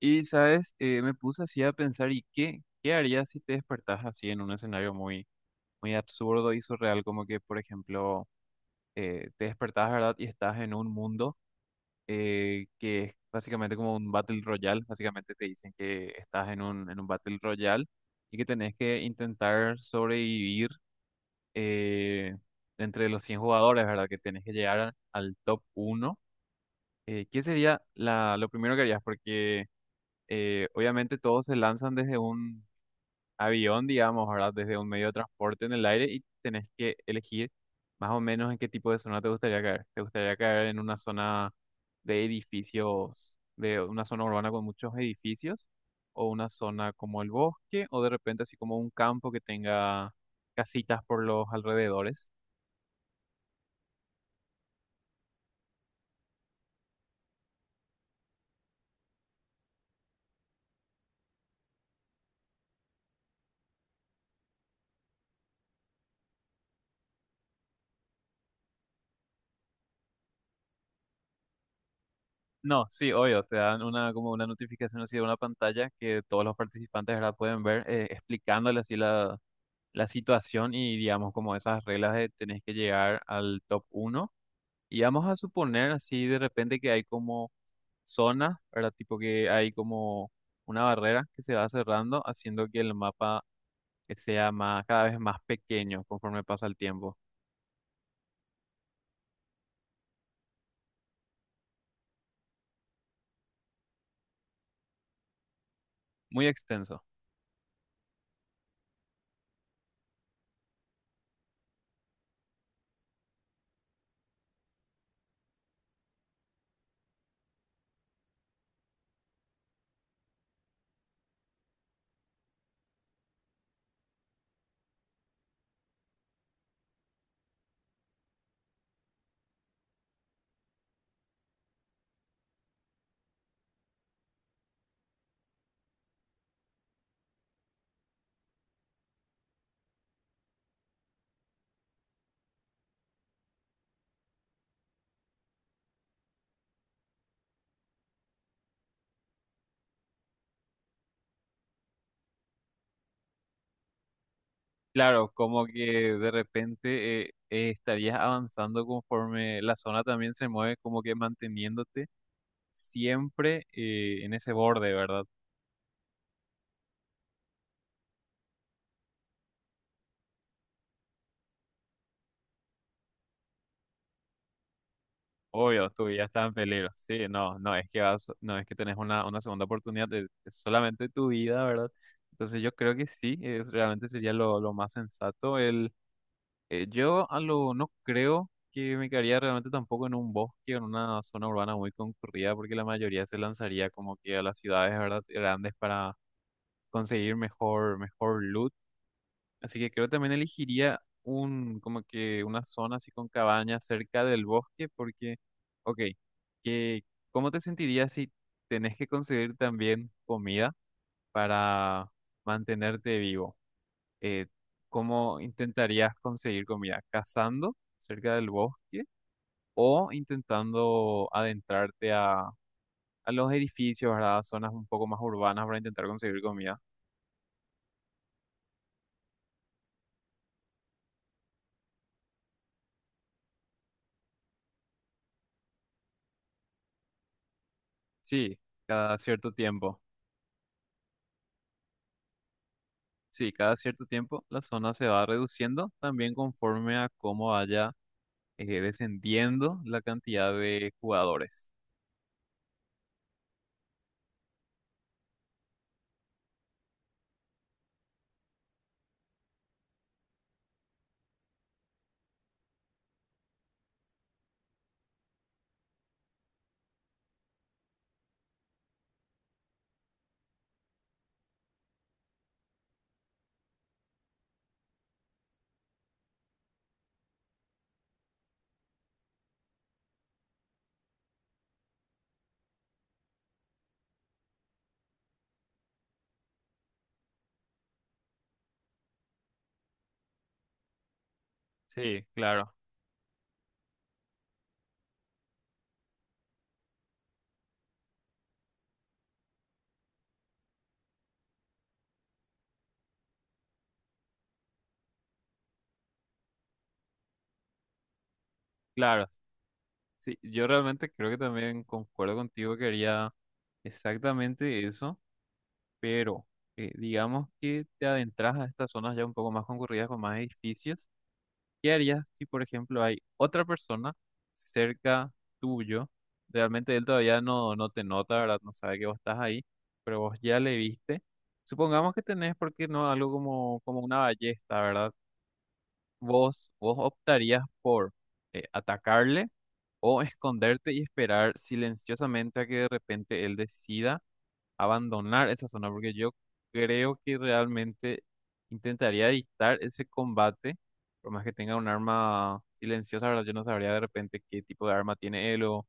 Y, ¿sabes? Me puse así a pensar. ¿Y qué harías si te despertás así en un escenario muy absurdo y surreal? Como que, por ejemplo, te despertás, ¿verdad? Y estás en un mundo que es básicamente como un Battle Royale. Básicamente te dicen que estás en en un Battle Royale y que tenés que intentar sobrevivir eh, entre los 100 jugadores, ¿verdad? Que tenés que llegar al top 1. ¿Qué sería lo primero que harías? Porque obviamente todos se lanzan desde un avión, digamos, ¿verdad? Desde un medio de transporte en el aire y tenés que elegir más o menos en qué tipo de zona te gustaría caer. ¿Te gustaría caer en una zona de edificios, de una zona urbana con muchos edificios? ¿O una zona como el bosque? ¿O de repente así como un campo que tenga casitas por los alrededores? No, sí, obvio, te dan una como una notificación así, de una pantalla que todos los participantes, ¿verdad?, pueden ver, explicándole así la situación y digamos como esas reglas de tenés que llegar al top uno. Y vamos a suponer así de repente que hay como zonas, ¿verdad? Tipo que hay como una barrera que se va cerrando, haciendo que el mapa sea cada vez más pequeño conforme pasa el tiempo. Muy extenso. Claro, como que de repente estarías avanzando conforme la zona también se mueve, como que manteniéndote siempre en ese borde, ¿verdad? Obvio, tu vida está en peligro. Sí, no, no es que vas, no es que tenés una segunda oportunidad, es solamente tu vida, ¿verdad? Entonces yo creo que sí, es, realmente sería lo más sensato. No creo que me quedaría realmente tampoco en un bosque o en una zona urbana muy concurrida, porque la mayoría se lanzaría como que a las ciudades, ¿verdad? Grandes para conseguir mejor loot. Así que creo que también elegiría como que una zona así con cabañas cerca del bosque, porque, ok, que, ¿cómo te sentirías si tenés que conseguir también comida para mantenerte vivo? Eh, ¿Cómo intentarías conseguir comida? ¿Cazando cerca del bosque o intentando adentrarte a los edificios, ¿verdad? A zonas un poco más urbanas para intentar conseguir comida? Sí, cada cierto tiempo. Sí, cada cierto tiempo la zona se va reduciendo también conforme a cómo vaya descendiendo la cantidad de jugadores. Sí, claro, claro. Sí, yo realmente creo que también concuerdo contigo, que haría exactamente eso, pero digamos que te adentras a estas zonas ya un poco más concurridas con más edificios. ¿Qué harías si, por ejemplo, hay otra persona cerca tuyo? Realmente él todavía no te nota, ¿verdad? No sabe que vos estás ahí, pero vos ya le viste. Supongamos que tenés, ¿porque no?, algo como, como una ballesta, ¿verdad? Vos optarías por atacarle, o esconderte y esperar silenciosamente a que de repente él decida abandonar esa zona, porque yo creo que realmente intentaría evitar ese combate, por más que tenga un arma silenciosa, ¿verdad? Yo no sabría de repente qué tipo de arma tiene él, o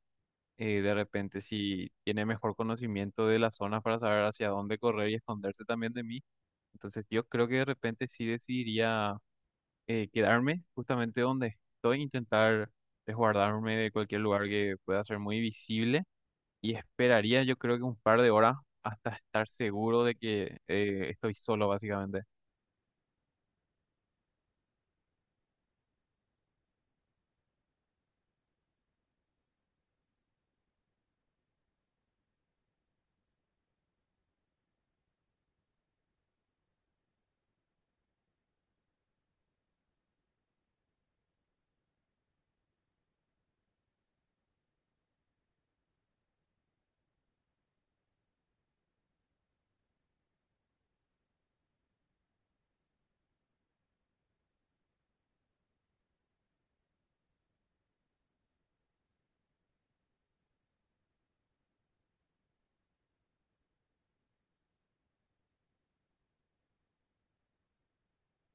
de repente si tiene mejor conocimiento de las zonas para saber hacia dónde correr y esconderse también de mí. Entonces yo creo que de repente sí decidiría quedarme justamente donde estoy, intentar resguardarme de cualquier lugar que pueda ser muy visible, y esperaría yo creo que un par de horas hasta estar seguro de que estoy solo básicamente.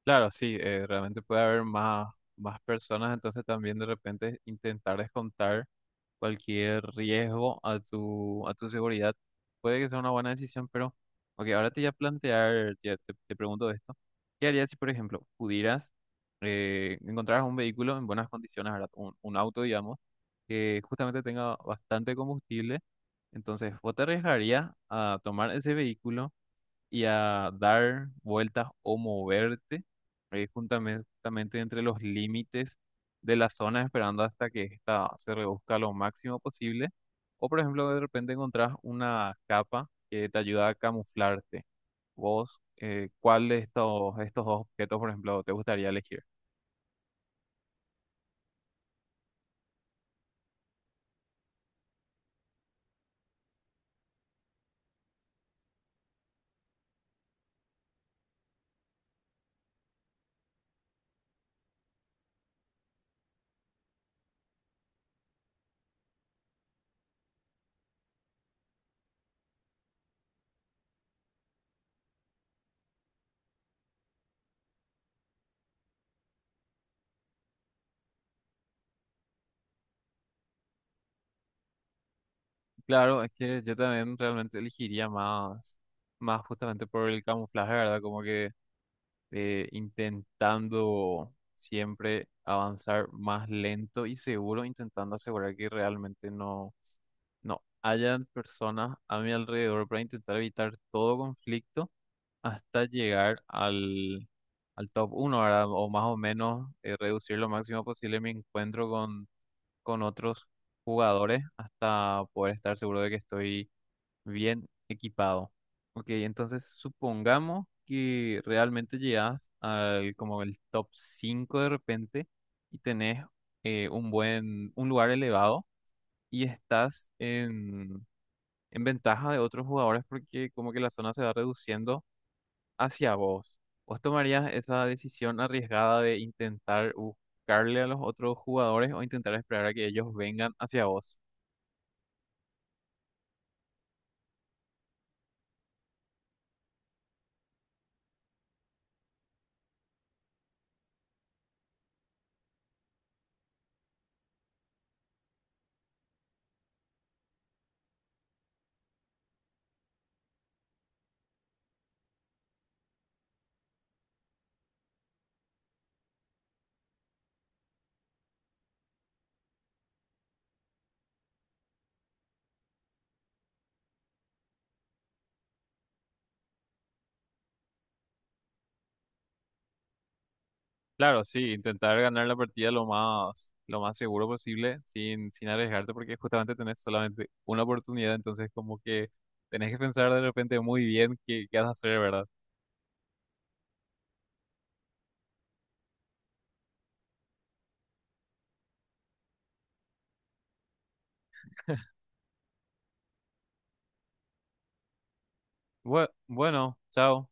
Claro, sí, realmente puede haber más personas, entonces también de repente intentar descontar cualquier riesgo a a tu seguridad. Puede que sea una buena decisión, pero, ok, ahora te voy a plantear, te pregunto esto. ¿Qué harías si, por ejemplo, pudieras encontrar un vehículo en buenas condiciones, ¿verdad? Un auto, digamos, que justamente tenga bastante combustible? Entonces, ¿vos te arriesgarías a tomar ese vehículo y a dar vueltas o moverte justamente, entre los límites de la zona, esperando hasta que esta se reduzca lo máximo posible? O, por ejemplo, de repente encontrás una capa que te ayuda a camuflarte. Vos, ¿cuál de estos dos objetos, por ejemplo, te gustaría elegir? Claro, es que yo también realmente elegiría más justamente por el camuflaje, ¿verdad? Como que intentando siempre avanzar más lento y seguro, intentando asegurar que realmente no hayan personas a mi alrededor para intentar evitar todo conflicto hasta llegar al top 1, ¿verdad? O más o menos reducir lo máximo posible mi encuentro con otros jugadores hasta poder estar seguro de que estoy bien equipado. Ok, entonces supongamos que realmente llegas al como el top 5 de repente y tenés un buen, un lugar elevado, y estás en ventaja de otros jugadores porque como que la zona se va reduciendo hacia vos. ¿Vos tomarías esa decisión arriesgada de intentar buscarle a los otros jugadores o intentar esperar a que ellos vengan hacia vos? Claro, sí, intentar ganar la partida lo más seguro posible, sin, sin arriesgarte, porque justamente tenés solamente una oportunidad, entonces como que tenés que pensar de repente muy bien qué vas a hacer, ¿verdad? Bueno, chao.